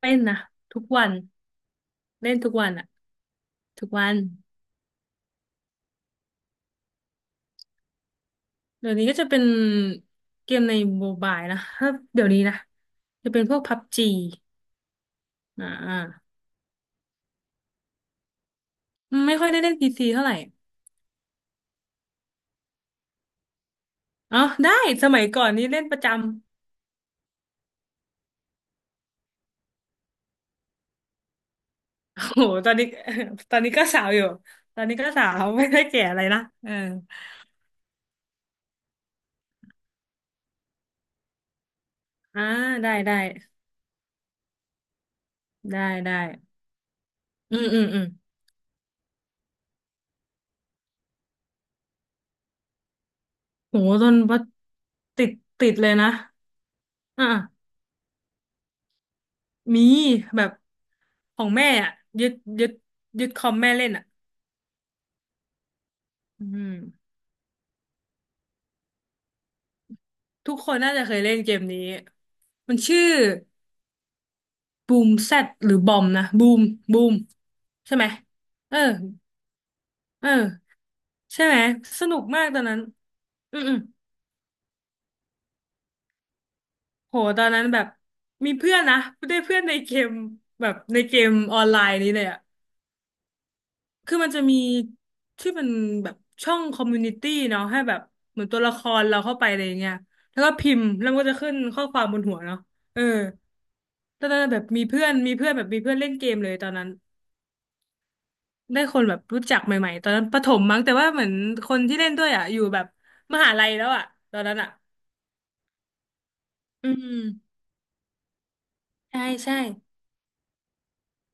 เป็นนะทุกวันเล่นทุกวันอะทุกวันเดี๋ยวนี้ก็จะเป็นเกมในโมบายนะถ้าเดี๋ยวนี้นะจะเป็นพวกพับจีอ่าไม่ค่อยได้เล่นพีซีเท่าไหร่อ๋อได้สมัยก่อนนี่เล่นประจำโอ้โหตอนนี้ ตอนนี้ก็สาวอยู่ตอนนี้ก็สาวไม่ได้แก่อะไรนะเอออ่าได้ได้ได้ได้อืมอืมอืมโหตอนว่าติดติดเลยนะอ่ามีแบบ ของแม่อ่ะยึดยึดยึดคอมแม่เล่นอ่ะอืมทุกคนน่าจะเคยเล่นเกมนี้มันชื่อบูมแซดหรือบอมนะบูมบูมใช่ไหมเออเออใช่ไหมสนุกมากตอนนั้นอืมอืมโหตอนนั้นแบบมีเพื่อนนะได้เพื่อนในเกมแบบในเกมออนไลน์นี้เลยอ่ะ คือมันจะมีที่เป็นแบบช่องคอมมูนิตี้เนาะให้แบบเหมือนตัวละครเราเข้าไปอะไรอย่างเงี้ยแล้วก็พิมพ์แล้วมันก็จะขึ้นข้อความบนหัวเนาะเออตอนนั้นแบบมีเพื่อนแบบมีเพื่อนเล่นเกมเลยตอนนั้นได้คนแบบรู้จักใหม่ๆตอนนั้นประถมมั้งแต่ว่าเหมือนคนที่เล่นด้วยอ่ะอยู่แบบมหาลัยแล้วอ่ะตอนนั้นอ่ะอืมใช่ใช่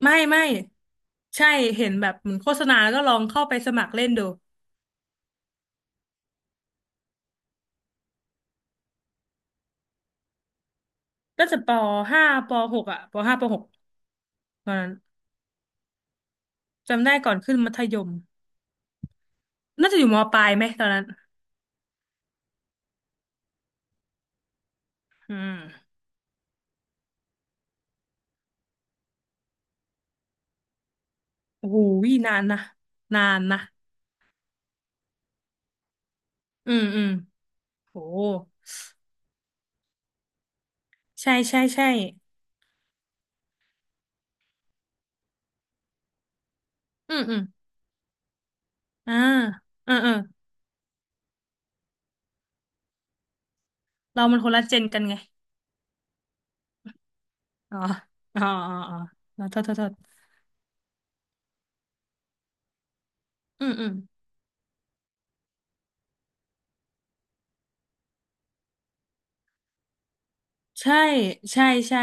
ไม่ใช่เห็นแบบเหมือนโฆษณาแล้วก็ลองเข้าไปสมัครเล่นดูก็จะปห้าปหกอ่ะปห้าปหกตอนนั้น จำได้ก่อนขึ้นมัธยมน่าจะอยู่มปลายไหมตอนนั้นอืมโอ้โหนานนะนานนะอืมอืมโหใช่ใช่ใช่อืมอืมอ่าเออเออเรามันคนละเจนกันไงอ๋ออ๋ออ๋ออ๋ออ๋อโทษโทษโทษอืมอืมใช่ใช่ใช่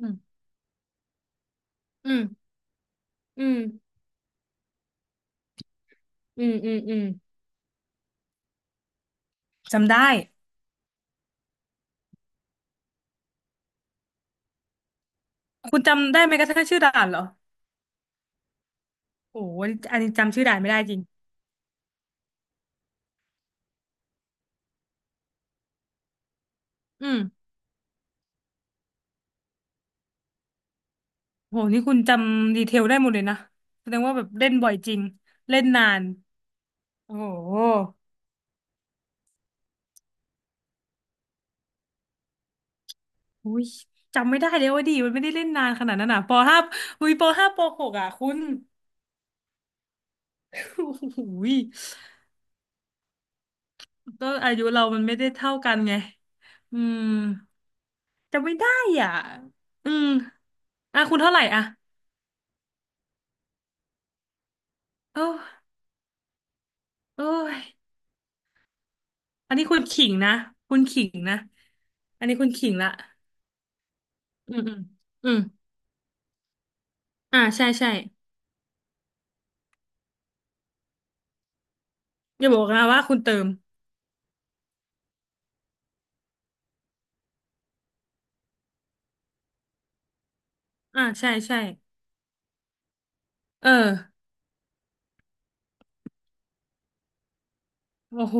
อืมอืมอืมอืมอืมอืมจำได้คุณจำได้ไหมกระทั่งชื่อด่านเหรอโอ้โหอันนี้จำชื่อด่านไม่ได้จริงอืม โหนี่คุณจำดีเทลได้หมดเลยนะแสดงว่าแบบเล่นบ่อยจริงเล่นนานโอ้โหอุ้ยจำไม่ได้เลยว่าดีมันไม่ได้เล่นนานขนาดนั้นอ่ะปห้าอุ้ยปห้าปหกอ่ะคุณโอุ้โหยก็อายุเรามันไม่ได้เท่ากันไงอืมจำไม่ได้อ่ะอืมอ่ะคุณเท่าไหร่อ่ะโอ้โอ้ยอันนี้คุณขิงนะคุณขิงนะอันนี้คุณขิงละอืมอืมอืมอ่าใช่ใช่อย่าบอกนะว่าคุณเติม อ่าใช่ใช่เออโอ้โห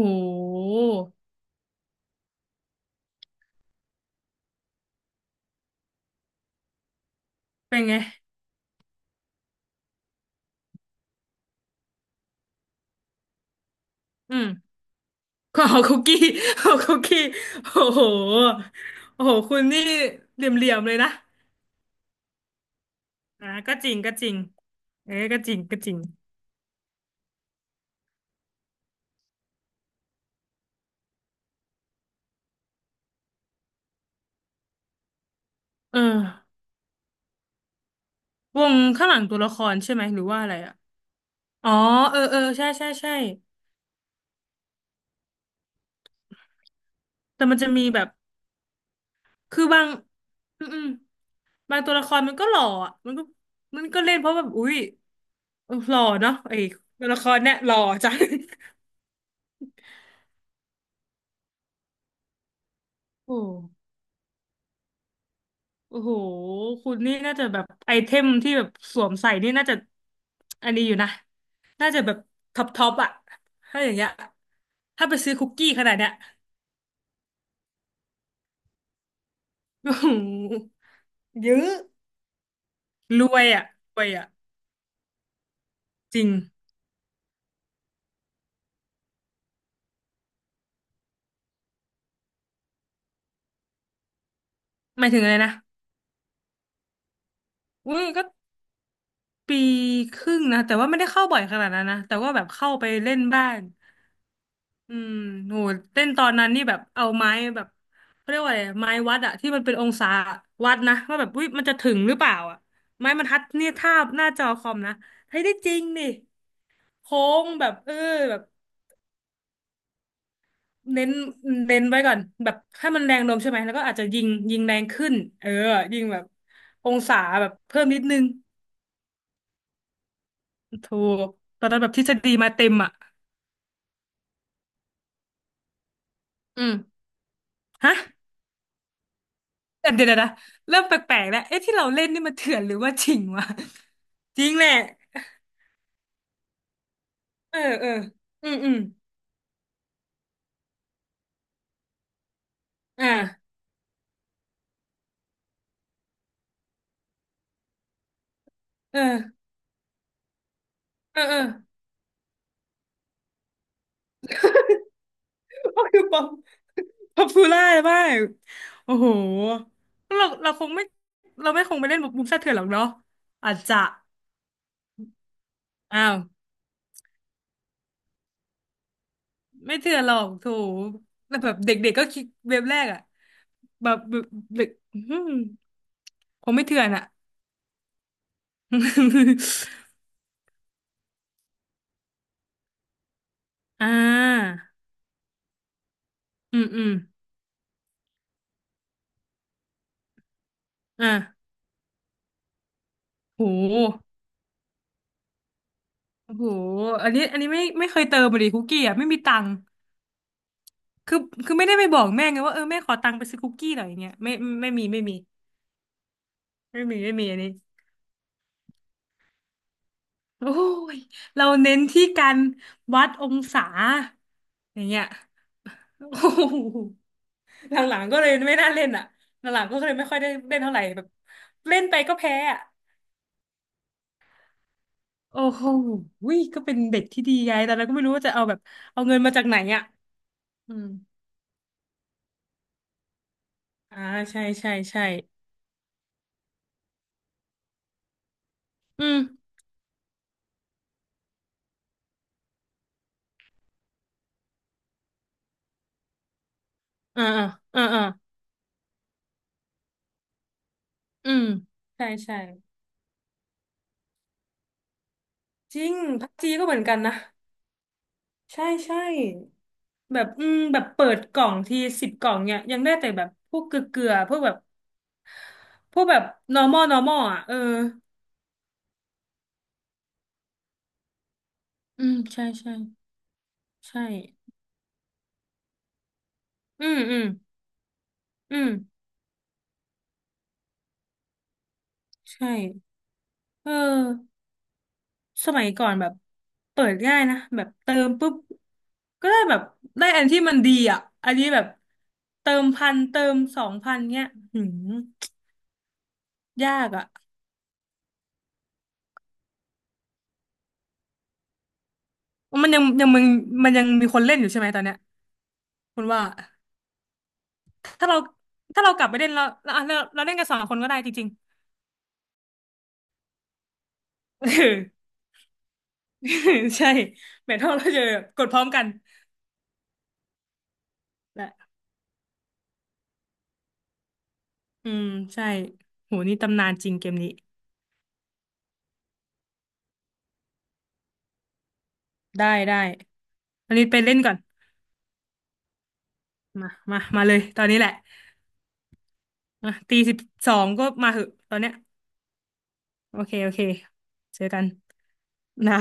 เป็นไงอืม ขอคุกกี้ ขอคุกกี้โอ้โหโอ้โหคุณนี่เหลี่ยมๆเลยนะอ่าก็จริงก็จริงเอ้ยก็จริงก็จริงเออวงข้างหลังตัวละครใช่ไหมหรือว่าอะไรอ่ะอ๋อเออเออใช่ใช่ใช่แต่มันจะมีแบบคือบางอืมอืมบางตัวละครมันก็หล่ออ่ะมันก็มันก็เล่นเพราะแบบอุ๊ยหล่อเนาะไอ้ตัวละครเนี่ยหล่อจัง โอ้ โอ้โหคุณนี่น่าจะแบบไอเทมที่แบบสวมใส่นี่น่าจะอันนี้อยู่นะ น่าจะแบบท็อปท็อปอะถ้าอย่างเงี้ยถ้าไปซื้อคุกกี้ขนาดเนี้ยโอ้โหเยอะรวยอะรวยอะจริงหมายถึงอะไรนะอือก็ปีครึ่งนะ แต่ว่าไม่ได้เข้าบ่อยขนาดนั้นนะ แต่ว่าแบบเข้าไปเล่นบ้าง อืมโหเต้นตอนนั้นนี่แบบเอาไม้แบบเขาเรียกว่าอะไรไม้วัดอะที่มันเป็นองศาวัดนะว่าแบบอุ้ยมันจะถึงหรือเปล่าอะไม้บรรทัดเนี่ยทาบหน้าจอคอมนะเฮ้ยได้จริงนี่โค้งแบบเออแบบเน้นเน้นไว้ก่อนแบบให้มันแรงลมใช่ไหมแล้วก็อาจจะยิงแรงขึ้นเออยิงแบบองศาแบบเพิ่มนิดนึงถูกตอนนั้นแบบทฤษฎีมาเต็มอะอืมฮะ แต่เดี๋ยวนะเริ่มแปลกๆแล้วเอ๊ะที่เราเล่นนี่มันเถื่อนหรือว่าจริงวะจริงแหละเออเอออืมอืมอ่าเออเออเออก็คือป๊อปปูล่ามากโอ้โหเราเราคงไม่เราไม่คงไปเล่นมุมซ่าเถื่อนหรอกเนาะอาจจะอ้าวไม่เถื่อนหรอกโถแล้วแบบเด็กๆก็คิดเว็บแรกอะแบบแบบเด็กอื้อหือคงไม่เถื่อนอะ อ่าอืมอืมอ่าโห โอ้โหอันนี้อันนี้ไม่เคยเติมเลยดิคุกกี้อ่ะไม่มีตังค์คือคือไม่ได้ไปบอกแม่ไงว่าเออแม่ขอตังค์ไปซื้อคุกกี้หน่อยอย่างเงี้ยไม่ไม่มีไม่มีไม่มีไม่มีอันนี้โอ้ยเราเน้นที่การวัดองศาอย่างเงี้ยโอ้โหหลังๆก็เลยไม่น่าเล่นอ่ะหลังๆก็เลยไม่ค่อยได้เล่นเท่าไหร่แบบเล่นไปก็แพ้อ่ะโอ้โหวยก็เป็นเด็กที่ดีไงแต่เราก็ไม่รู้ว่าจะเอาแบบเอาเงินมาจากไหนอ่ะอืมอ่าใช่ใช่ใช่อืม อ่าอ่าอ่าอืมใช่ใช่จริงพับจีก็เหมือนกันนะใช่ใช่แบบอืมแบบเปิดกล่องที10 กล่องเนี่ยยังได้แต่แบบพวกเกลือๆพวกแบบพวกแบบ normal normal อ่ะเอออืมใช่ใช่ใช่อืมอืมอืมใช่เออสมัยก่อนแบบเปิดง่ายนะแบบเติมปุ๊บก็ได้แบบได้อันที่มันดีอ่ะอันนี้แบบเติมพันเติม2,000เงี้ยหืมยากอ่ะ มันยังยังมึงมันยังมีคนเล่นอยู่ใช่ไหมตอนเนี้ยคุณว่าถ้าเราถ้าเรากลับไปเล่นแล้วเราเล่นกันสองคนก็ได้จริงๆ เออ ใช่แมทเท่าเราจะกดพร้อมกันแหละอืมใช่โหนี่ตำนานจริงเกมนี้ได้ได้อันนี้ไปเล่นก่อนมามามาเลยตอนนี้แหละมาตีสิบสองก็มาเหอะตอนเนี้ยโอเคโอเคเจอกันได้